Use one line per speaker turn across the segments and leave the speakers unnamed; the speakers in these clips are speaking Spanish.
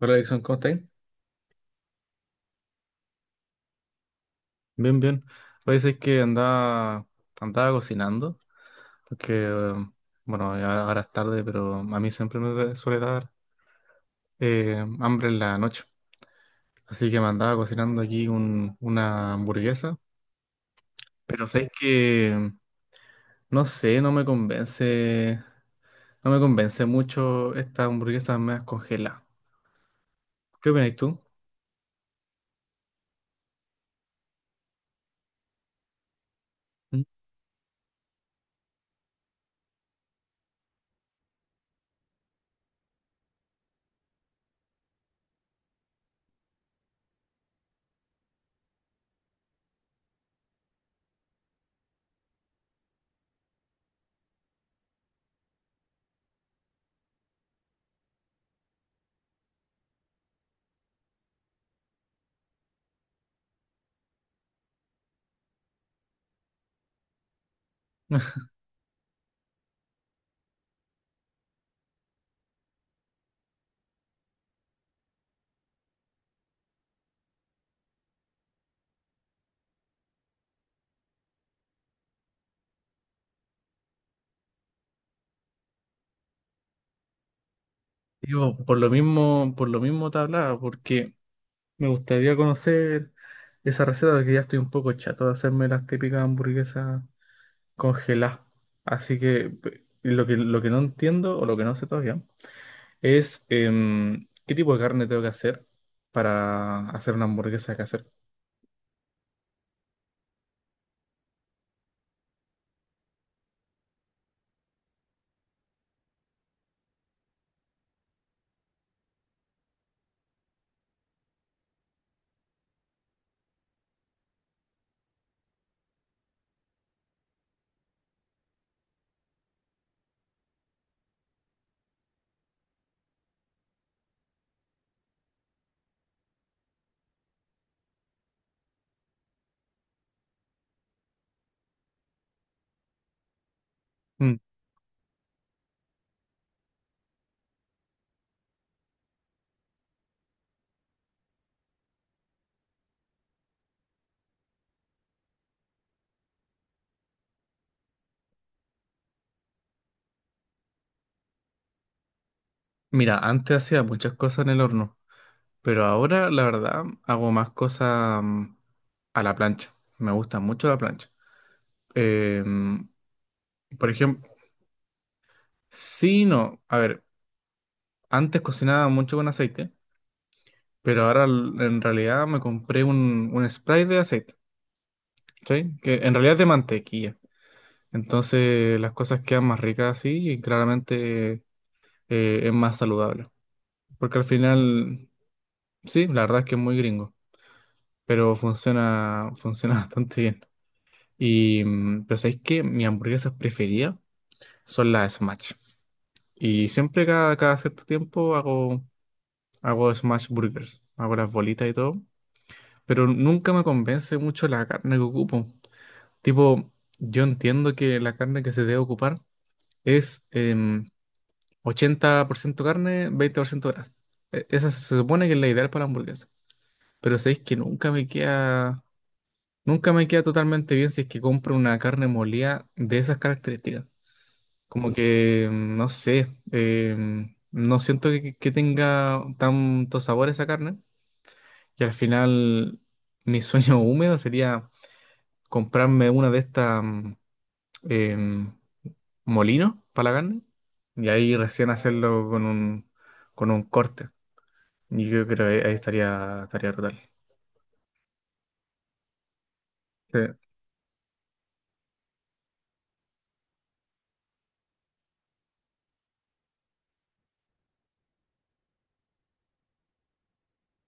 Hola, Dixon, ¿cómo estáis? Bien, bien. Oye, es que andaba, andaba cocinando, porque, bueno, ya ahora es tarde, pero a mí siempre suele dar hambre en la noche. Así que me andaba cocinando aquí una hamburguesa, pero sabes que, no sé, no me convence mucho estas hamburguesas me congeladas. ¿Qué opinas tú? Mm. Digo, por lo mismo te hablaba, porque me gustaría conocer esa receta porque ya estoy un poco chato de hacerme las típicas hamburguesas congeladas. Así que lo que no entiendo o lo que no sé todavía es qué tipo de carne tengo que hacer para hacer una hamburguesa casera. Mm. Mira, antes hacía muchas cosas en el horno, pero ahora la verdad hago más cosas a la plancha. Me gusta mucho la plancha. Em, por ejemplo, sí, no. A ver, antes cocinaba mucho con aceite. Pero ahora en realidad me compré un spray de aceite, ¿cachai? Que en realidad es de mantequilla. Entonces las cosas quedan más ricas así y claramente es más saludable. Porque al final, sí, la verdad es que es muy gringo, pero funciona, funciona bastante bien. Y pero sabéis que mis hamburguesas preferidas son las Smash. Y siempre cada cierto tiempo hago, hago Smash Burgers, hago las bolitas y todo. Pero nunca me convence mucho la carne que ocupo. Tipo, yo entiendo que la carne que se debe ocupar es 80% carne, 20% grasa. Esa se supone que es la ideal para la hamburguesa. Pero sabéis que nunca me queda totalmente bien si es que compro una carne molida de esas características. Como que, no sé, no siento que tenga tanto sabor esa carne. Y al final, mi sueño húmedo sería comprarme una de estas em, molino para la carne y ahí recién hacerlo con un corte. Y yo creo que ahí estaría, estaría brutal. Sí.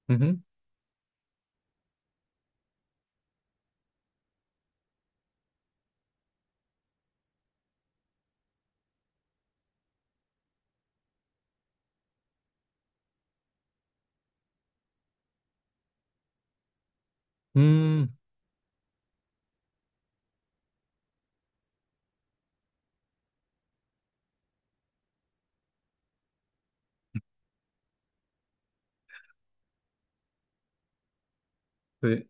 Ujú. Mm, sí.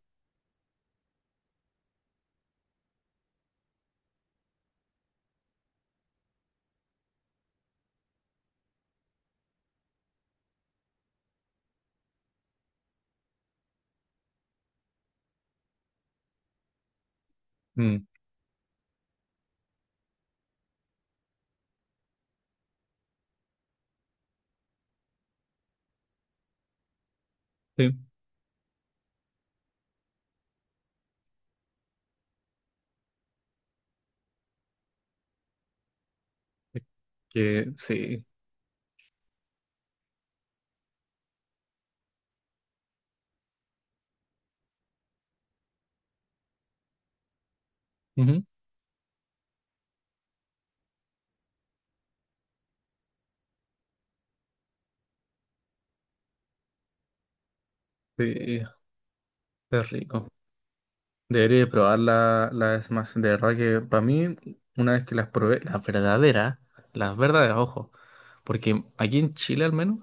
Mm, sí. Es. Que sí. Ujú. Sí, es rico. Debería de probar la Smash. De verdad que para mí, una vez que las probé, las verdaderas, ojo, porque aquí en Chile al menos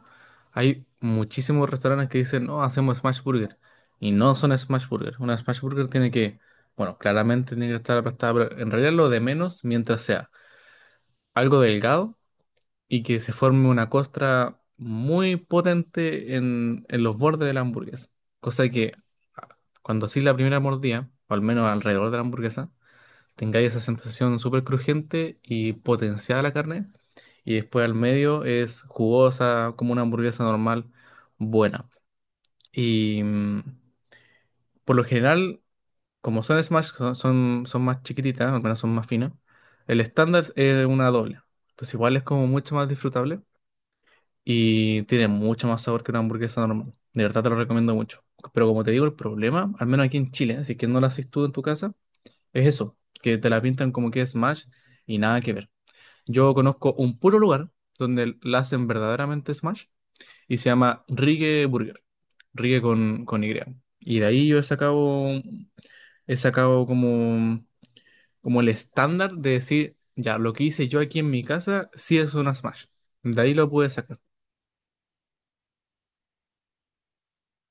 hay muchísimos restaurantes que dicen, no, hacemos Smash Burger. Y no son Smash Burger. Una Smash Burger tiene que, bueno, claramente tiene que estar aplastada, pero en realidad lo de menos mientras sea algo delgado y que se forme una costra muy potente en los bordes de la hamburguesa. Cosa que ah, cuando así la primera mordida, o al menos alrededor de la hamburguesa, tengáis esa sensación súper crujiente y potenciada la carne. Y después al medio es jugosa, como una hamburguesa normal, buena. Y por lo general, como son smash, son más chiquititas, al menos son más finas. El estándar es una doble. Entonces igual es como mucho más disfrutable y tiene mucho más sabor que una hamburguesa normal. De verdad te lo recomiendo mucho. Pero como te digo, el problema, al menos aquí en Chile, ¿eh? Si es que no la haces tú en tu casa, es eso, que te la pintan como que es Smash y nada que ver. Yo conozco un puro lugar donde la hacen verdaderamente Smash y se llama Rigue Burger, Rigue con Y. Y de ahí yo he sacado como, como el estándar de decir, ya, lo que hice yo aquí en mi casa sí es una Smash. De ahí lo pude sacar.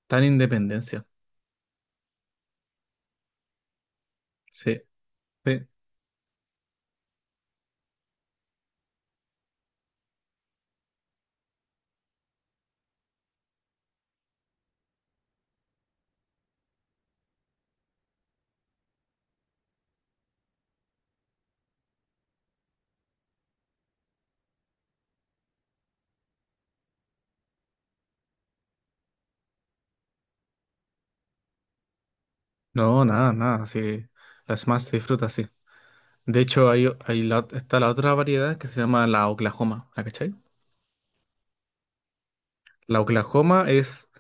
Tan independencia. Sí, sí. No, nada, nada. Sí, las más se disfruta sí. De hecho, hay, está la otra variedad que se llama la Oklahoma. ¿La cachai? La Oklahoma es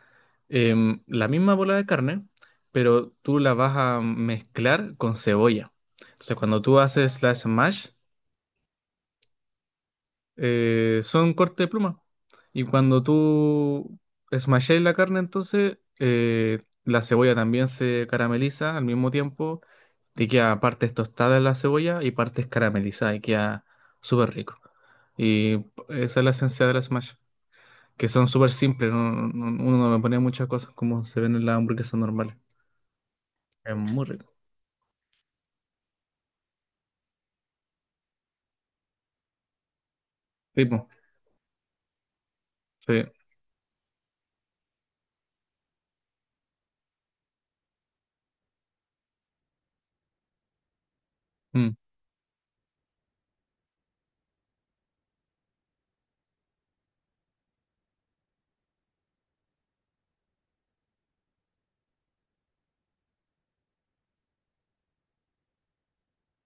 la misma bola de carne, pero tú la vas a mezclar con cebolla. Entonces, cuando tú haces la Smash, son corte de pluma. Y cuando tú smasháis la carne, entonces la cebolla también se carameliza al mismo tiempo. Te queda partes tostadas la cebolla y partes caramelizadas y queda súper rico. Y esa es la esencia de la smash, que son súper simples. Uno no le pone muchas cosas como se ven en las hamburguesas normales. Es muy rico. Tipo, sí. Mm,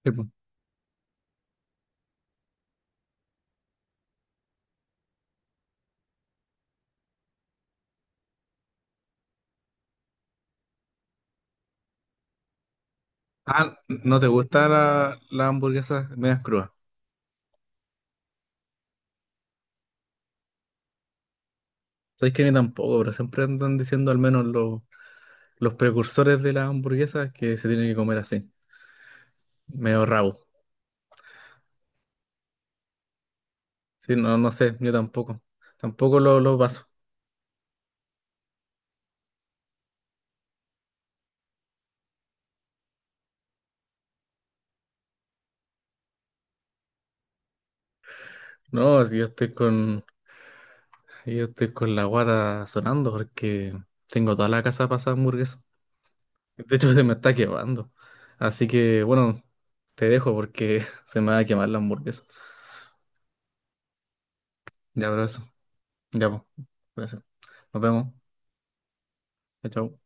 sí, po. Ah, ¿no te gustan las hamburguesas medias crudas? Sabéis que a mí tampoco, pero siempre andan diciendo al menos los precursores de las hamburguesas que se tienen que comer así, medio rabo. Sí, no, no sé, yo tampoco. Tampoco lo, lo paso. No, si yo estoy con, yo estoy con la guata sonando porque tengo toda la casa pasada hamburguesa. De hecho, se me está quemando. Así que, bueno, te dejo porque se me va a quemar la hamburguesa. Ya, abrazo. Ya, pues. Gracias. Nos vemos. Chao. Chao.